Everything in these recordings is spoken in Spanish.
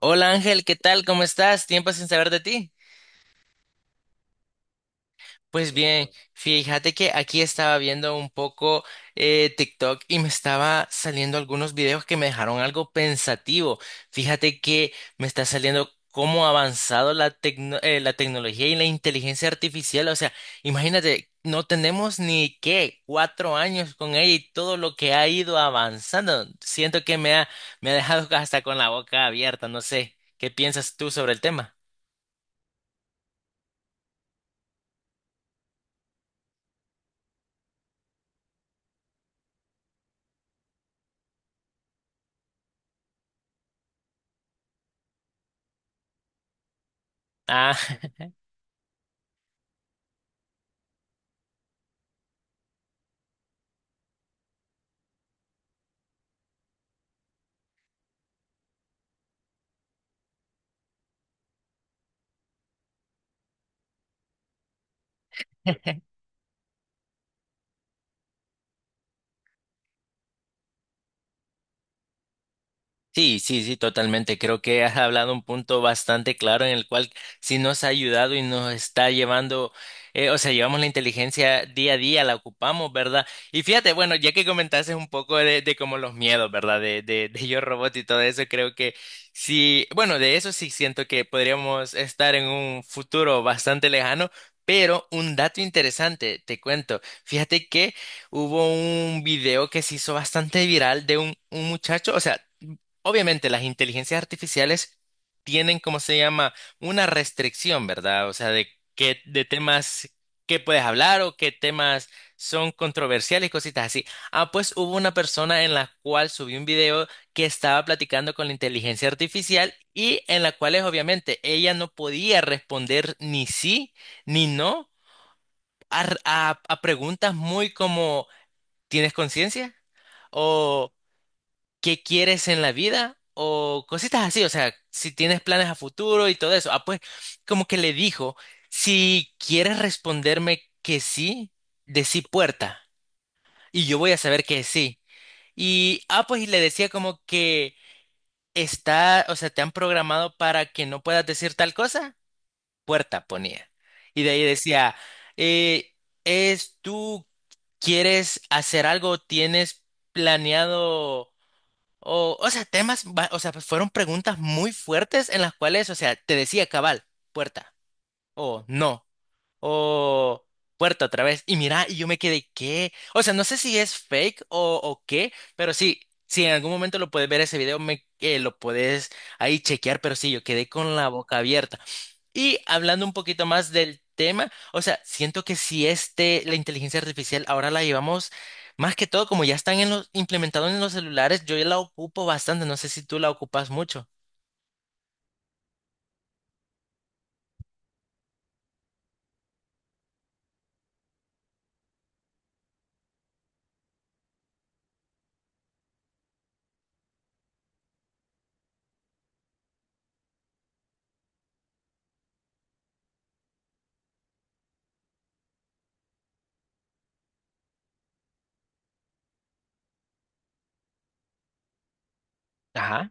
Hola Ángel, ¿qué tal? ¿Cómo estás? Tiempo sin saber de ti. Pues bien, fíjate que aquí estaba viendo un poco TikTok y me estaba saliendo algunos videos que me dejaron algo pensativo. Fíjate que me está saliendo cómo ha avanzado la tecnología y la inteligencia artificial. O sea, imagínate, no tenemos ni qué, 4 años con ella y todo lo que ha ido avanzando. Siento que me ha dejado hasta con la boca abierta. No sé, ¿qué piensas tú sobre el tema? Ah, Sí, sí, sí, totalmente. Creo que has hablado un punto bastante claro en el cual sí nos ha ayudado y nos está llevando, o sea, llevamos la inteligencia día a día, la ocupamos, ¿verdad? Y fíjate, bueno, ya que comentaste un poco de como los miedos, ¿verdad? De Yo Robot y todo eso, creo que sí, bueno, de eso sí siento que podríamos estar en un futuro bastante lejano. Pero un dato interesante, te cuento. Fíjate que hubo un video que se hizo bastante viral de un muchacho, o sea, obviamente las inteligencias artificiales tienen, como se llama, una restricción, ¿verdad? O sea, de temas que puedes hablar o qué temas son controversiales y cositas así. Ah, pues hubo una persona en la cual subí un video que estaba platicando con la inteligencia artificial y en la cual es, obviamente, ella no podía responder ni sí ni no a preguntas muy como ¿tienes conciencia? O qué quieres en la vida o cositas así, o sea, si tienes planes a futuro y todo eso. Ah, pues como que le dijo, si quieres responderme que sí, decí puerta y yo voy a saber que sí. Y, pues y le decía como que está, o sea, te han programado para que no puedas decir tal cosa, puerta ponía. Y de ahí decía, eh, es tú, ¿quieres hacer algo? ¿Tienes planeado? O sea, temas, o sea, pues, fueron preguntas muy fuertes en las cuales, o sea, te decía cabal, puerta, o no, o puerta otra vez, y mira, y yo me quedé, ¿qué? O sea, no sé si es fake o qué, pero sí, si en algún momento lo puedes ver ese video, lo puedes ahí chequear, pero sí, yo quedé con la boca abierta. Y hablando un poquito más del tema, o sea, siento que si la inteligencia artificial ahora la llevamos más que todo, como ya están implementados en los celulares, yo ya la ocupo bastante, no sé si tú la ocupas mucho. Ajá.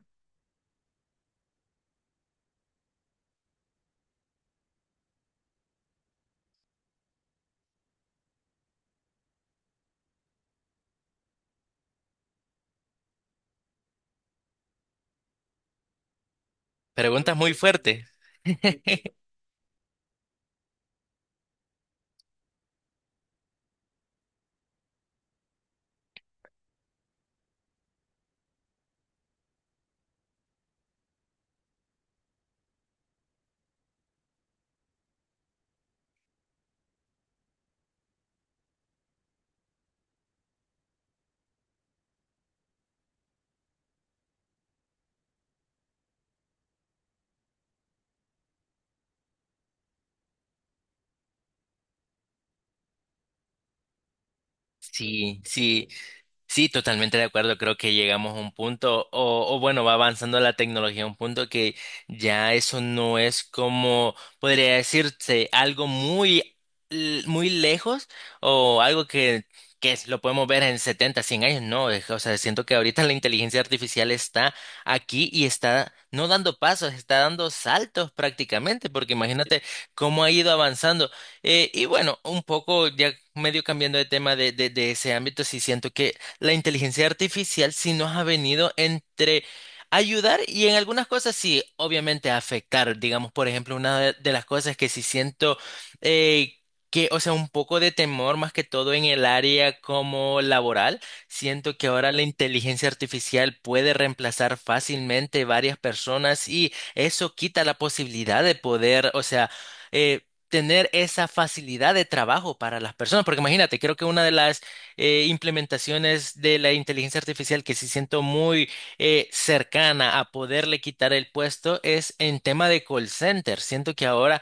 Preguntas muy fuertes. Sí, sí. Sí, totalmente de acuerdo. Creo que llegamos a un punto, o bueno, va avanzando la tecnología a un punto que ya eso no es como, podría decirse, algo muy, muy lejos o algo lo podemos ver en 70, 100 años. No, o sea, siento que ahorita la inteligencia artificial está aquí y está no dando pasos, está dando saltos prácticamente, porque imagínate cómo ha ido avanzando. Y bueno, un poco ya medio cambiando de tema de ese ámbito, sí siento que la inteligencia artificial sí nos ha venido entre ayudar y en algunas cosas sí, obviamente afectar. Digamos, por ejemplo, una de las cosas que sí siento eh, que, o sea, un poco de temor más que todo en el área como laboral. Siento que ahora la inteligencia artificial puede reemplazar fácilmente varias personas y eso quita la posibilidad de poder, o sea, eh, tener esa facilidad de trabajo para las personas, porque imagínate, creo que una de las implementaciones de la inteligencia artificial que sí siento muy cercana a poderle quitar el puesto es en tema de call center. Siento que ahora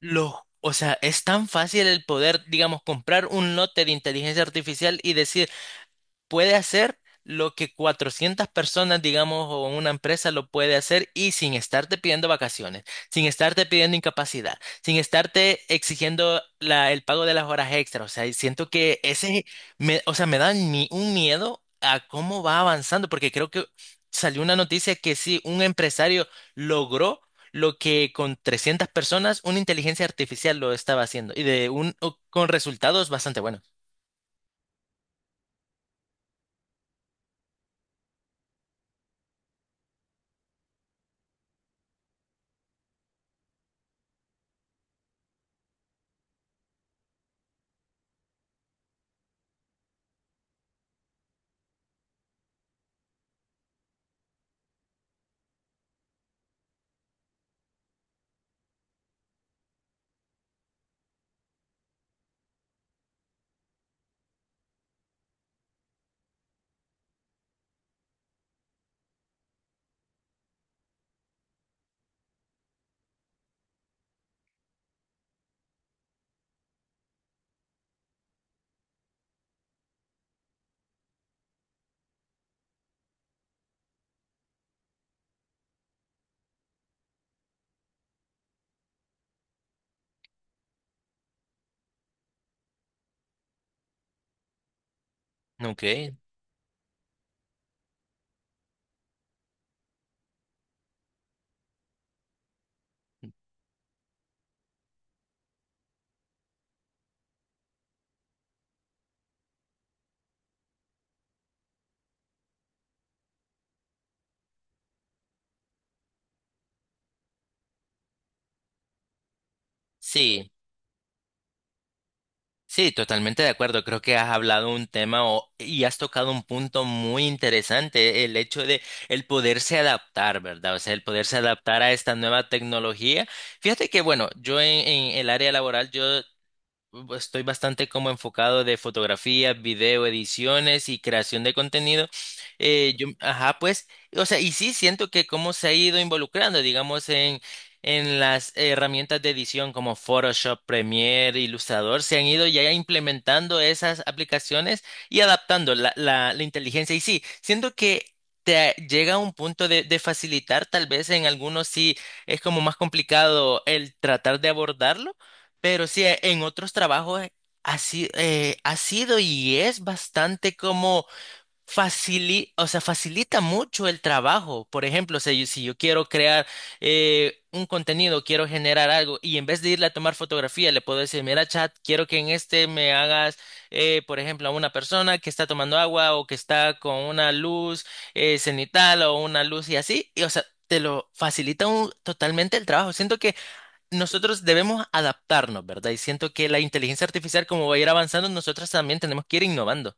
los, o sea, es tan fácil el poder, digamos, comprar un lote de inteligencia artificial y decir puede hacer lo que 400 personas, digamos, o una empresa lo puede hacer y sin estarte pidiendo vacaciones, sin estarte pidiendo incapacidad, sin estarte exigiendo el pago de las horas extra. O sea, y siento que o sea, me da un miedo a cómo va avanzando, porque creo que salió una noticia que sí, un empresario logró lo que con 300 personas una inteligencia artificial lo estaba haciendo y con resultados bastante buenos. Ok, sí. Sí, totalmente de acuerdo. Creo que has hablado un tema y has tocado un punto muy interesante, el hecho de el poderse adaptar, ¿verdad? O sea, el poderse adaptar a esta nueva tecnología. Fíjate que, bueno, yo en el área laboral, yo estoy bastante como enfocado de fotografía, video, ediciones y creación de contenido. Yo, ajá, pues, o sea, y sí siento que cómo se ha ido involucrando, digamos, en las herramientas de edición como Photoshop, Premiere, Illustrator, se han ido ya implementando esas aplicaciones y adaptando la inteligencia. Y sí, siento que... Te llega a un punto de facilitar, tal vez en algunos sí es como más complicado el tratar de abordarlo, pero sí, en otros trabajos ha, si- ha sido y es bastante como o sea, facilita mucho el trabajo. Por ejemplo, si yo, quiero crear un contenido, quiero generar algo y en vez de irle a tomar fotografía, le puedo decir, mira, chat, quiero que en este me hagas, por ejemplo, a una persona que está tomando agua o que está con una luz cenital o una luz y así. Y, o sea, te lo facilita totalmente el trabajo. Siento que nosotros debemos adaptarnos, ¿verdad? Y siento que la inteligencia artificial, como va a ir avanzando, nosotros también tenemos que ir innovando.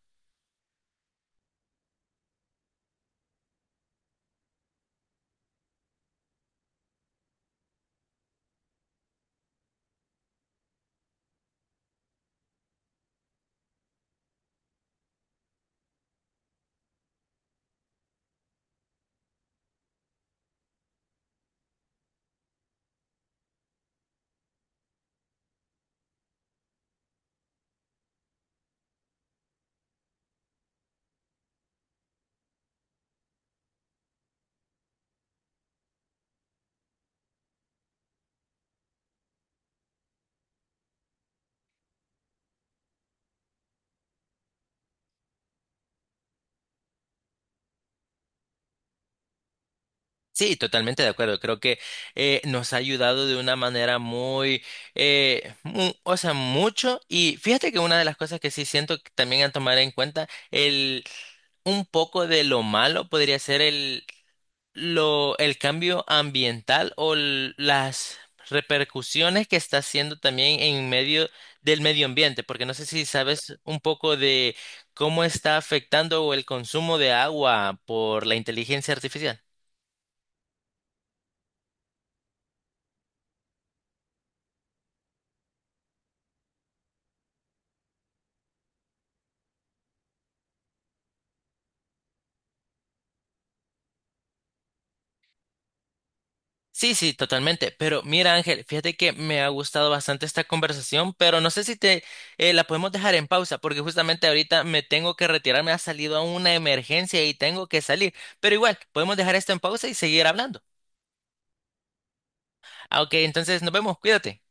Sí, totalmente de acuerdo. Creo que nos ha ayudado de una manera muy, o sea, mucho. Y fíjate que una de las cosas que sí siento que también a tomar en cuenta, un poco de lo malo podría ser el cambio ambiental o las repercusiones que está haciendo también en medio del medio ambiente, porque no sé si sabes un poco de cómo está afectando el consumo de agua por la inteligencia artificial. Sí, sí, totalmente. Pero mira, Ángel, fíjate que me ha gustado bastante esta conversación, pero no sé si te la podemos dejar en pausa, porque justamente ahorita me tengo que retirar, me ha salido una emergencia y tengo que salir. Pero igual, podemos dejar esto en pausa y seguir hablando. Ah, ok, entonces nos vemos, cuídate.